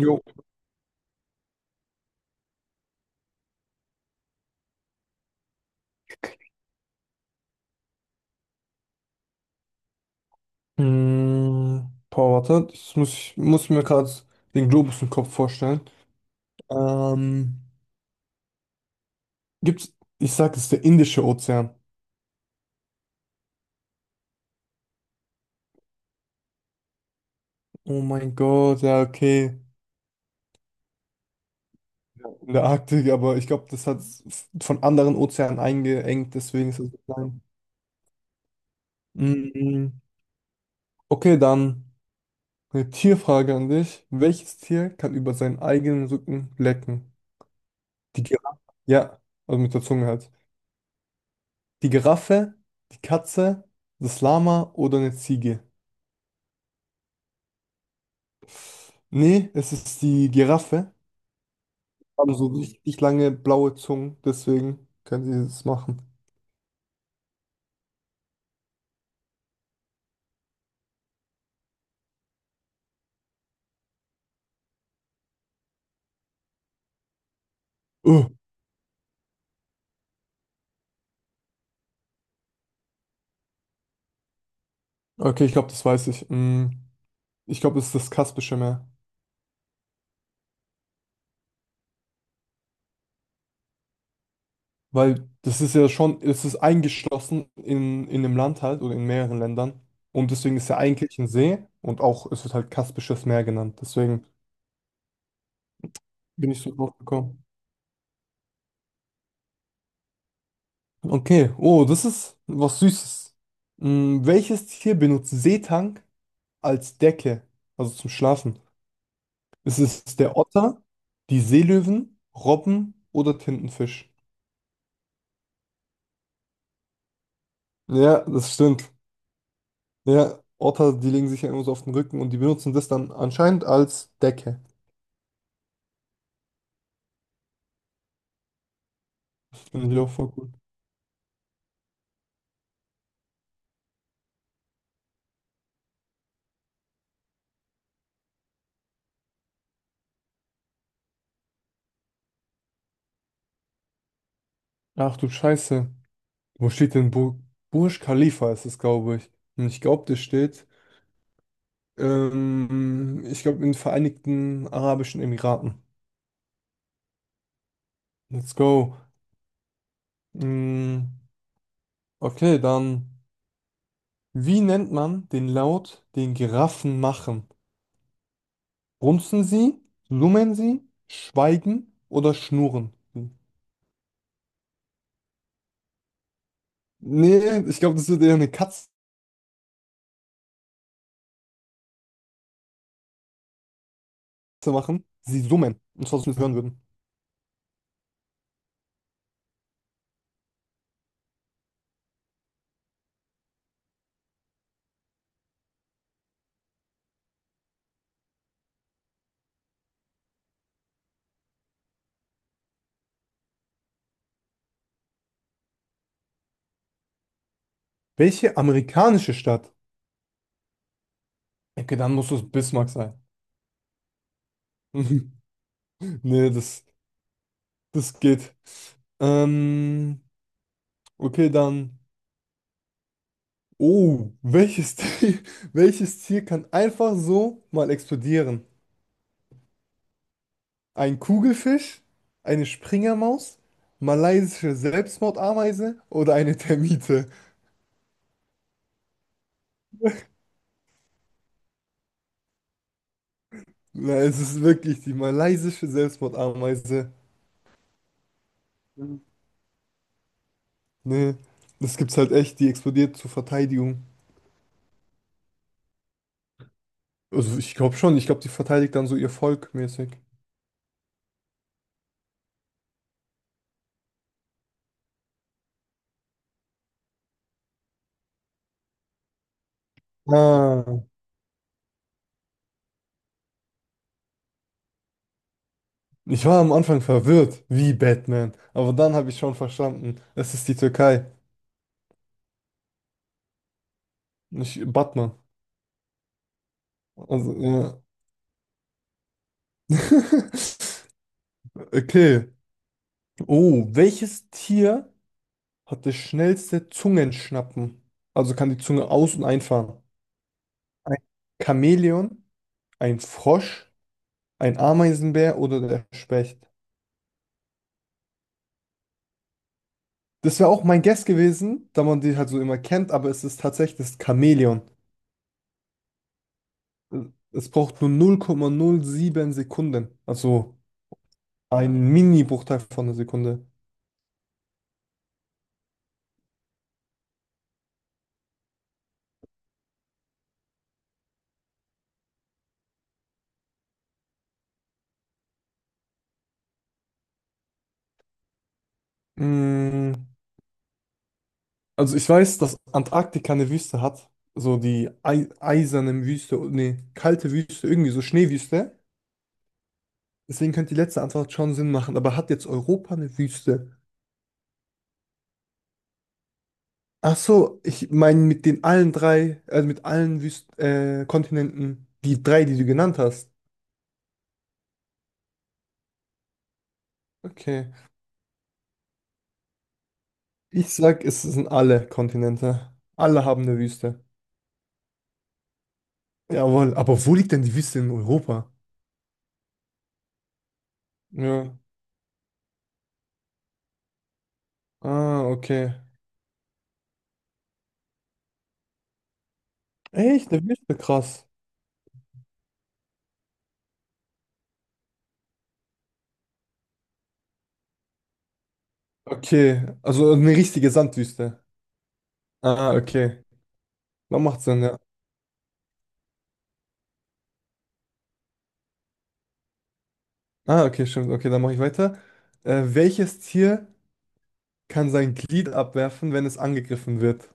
Jo. Boah, warte, das muss mir gerade den Globus im Kopf vorstellen. Ähm, gibt's, Ich sag, es ist der Indische Ozean. Oh mein Gott, ja, okay. Ja. In der Arktik, aber ich glaube, das hat von anderen Ozeanen eingeengt, deswegen ist es so klein. Mhm. Okay, dann eine Tierfrage an dich. Welches Tier kann über seinen eigenen Rücken lecken? Die Giraffe. Ja, also mit der Zunge halt. Die Giraffe, die Katze, das Lama oder eine Ziege? Nee, es ist die Giraffe. Haben so richtig lange blaue Zungen, deswegen können sie das machen. Uh, okay, ich glaube, das weiß ich. Ich glaube, es ist das Kaspische Meer. Weil das ist ja schon, es ist eingeschlossen in dem Land halt oder in mehreren Ländern. Und deswegen ist ja eigentlich ein See und auch, es wird halt Kaspisches Meer genannt. Deswegen bin ich so drauf gekommen. Okay, oh, das ist was Süßes. Welches Tier benutzt Seetang als Decke, also zum Schlafen? Ist es der Otter, die Seelöwen, Robben oder Tintenfisch? Ja, das stimmt. Ja, Otter, die legen sich ja immer so auf den Rücken und die benutzen das dann anscheinend als Decke. Finde ich auch voll gut. Ach du Scheiße. Wo steht denn Burj Khalifa ist es, glaube ich. Und ich glaube, das steht, ich glaube, in den Vereinigten Arabischen Emiraten. Let's go. Mm, Okay, dann, wie nennt man den Laut, den Giraffen machen? Grunzen sie, summen sie, schweigen oder schnurren sie? Nee, ich glaube, das würde eher eine Katze machen. Sie summen, und zwar, dass wir es hören würden. Welche amerikanische Stadt? Okay, dann muss es Bismarck sein. Nee, das geht. Ähm, okay, dann. Oh, welches Tier, welches Tier kann einfach so mal explodieren? Ein Kugelfisch, eine Springermaus, malaysische Selbstmordameise oder eine Termite? Na, es ist wirklich die malaysische Selbstmordameise. Ne, das gibt's halt echt, die explodiert zur Verteidigung. Also ich glaube, die verteidigt dann so ihr Volk mäßig. Ah. Ich war am Anfang verwirrt, wie Batman. Aber dann habe ich schon verstanden, es ist die Türkei, nicht Batman. Also, ja. Okay. Oh, welches Tier hat das schnellste Zungenschnappen. Also kann die Zunge aus- und einfahren. Ein Chamäleon, ein Frosch, ein Ameisenbär oder der Specht. Das wäre auch mein Guess gewesen, da man die halt so immer kennt, aber es ist tatsächlich das Chamäleon. Es braucht nur 0,07 Sekunden. Also ein Mini-Bruchteil von einer Sekunde. Mm, Also ich weiß, dass Antarktika eine Wüste hat. So die ei eiserne Wüste, nee, kalte Wüste, irgendwie so Schneewüste. Deswegen könnte die letzte Antwort schon Sinn machen, aber hat jetzt Europa eine Wüste? Ach so, ich meine mit den allen drei, also mit allen Wüsten, Kontinenten, die drei, die du genannt hast. Okay. Ich sag, es sind alle Kontinente. Alle haben eine Wüste. Jawohl, aber wo liegt denn die Wüste in Europa? Ja. Ah, okay. Echt, eine Wüste, krass. Okay, also eine richtige Sandwüste. Ah, okay. Dann macht Sinn, ja. Ah, okay, stimmt. Okay, dann mache ich weiter. Welches Tier kann sein Glied abwerfen, wenn es angegriffen wird?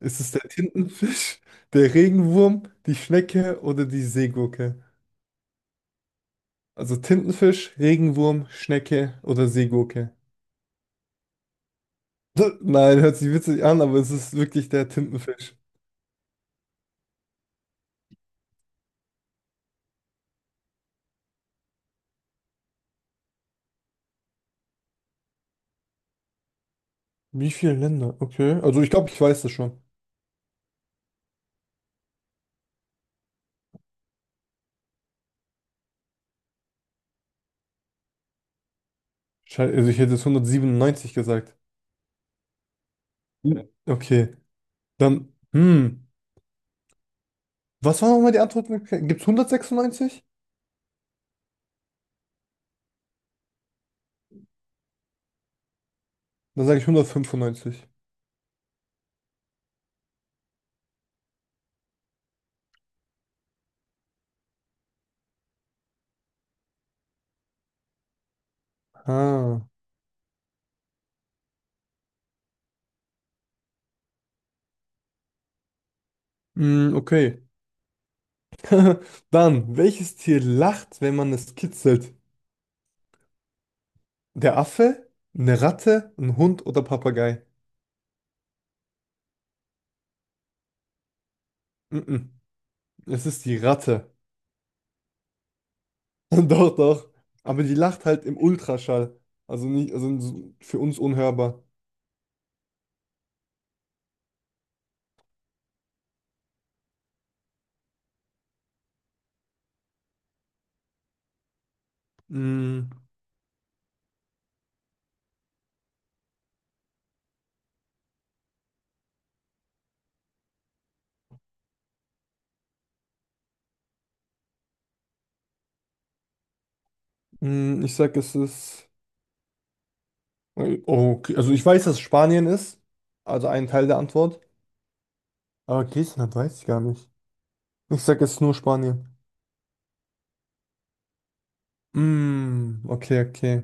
Ist es der Tintenfisch, der Regenwurm, die Schnecke oder die Seegurke? Also Tintenfisch, Regenwurm, Schnecke oder Seegurke? Nein, hört sich witzig an, aber es ist wirklich der Tintenfisch. Wie viele Länder? Okay. Also ich glaube, ich weiß das schon. Also ich hätte jetzt 197 gesagt. Ja. Okay. Dann, hm. Was war nochmal die Antwort? Gibt es 196? Dann sage ich 195. Ah. Hm, okay. Dann, welches Tier lacht, wenn man es kitzelt? Der Affe, eine Ratte, ein Hund oder Papagei? Mm-mm. Es ist die Ratte. Doch, doch. Aber die lacht halt im Ultraschall. Also nicht, also so- für uns unhörbar. Mm, Ich sag, es ist. Okay. Also ich weiß, dass es Spanien ist. Also ein Teil der Antwort. Aber Griechenland weiß ich gar nicht. Ich sag, es ist nur Spanien. Mm, okay, okay.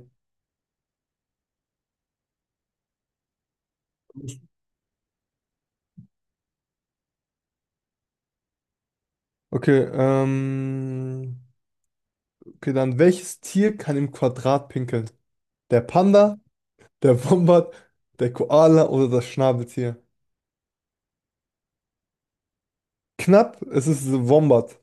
Okay, ähm. Okay, dann welches Tier kann im Quadrat pinkeln? Der Panda, der Wombat, der Koala oder das Schnabeltier? Knapp, es ist Wombat.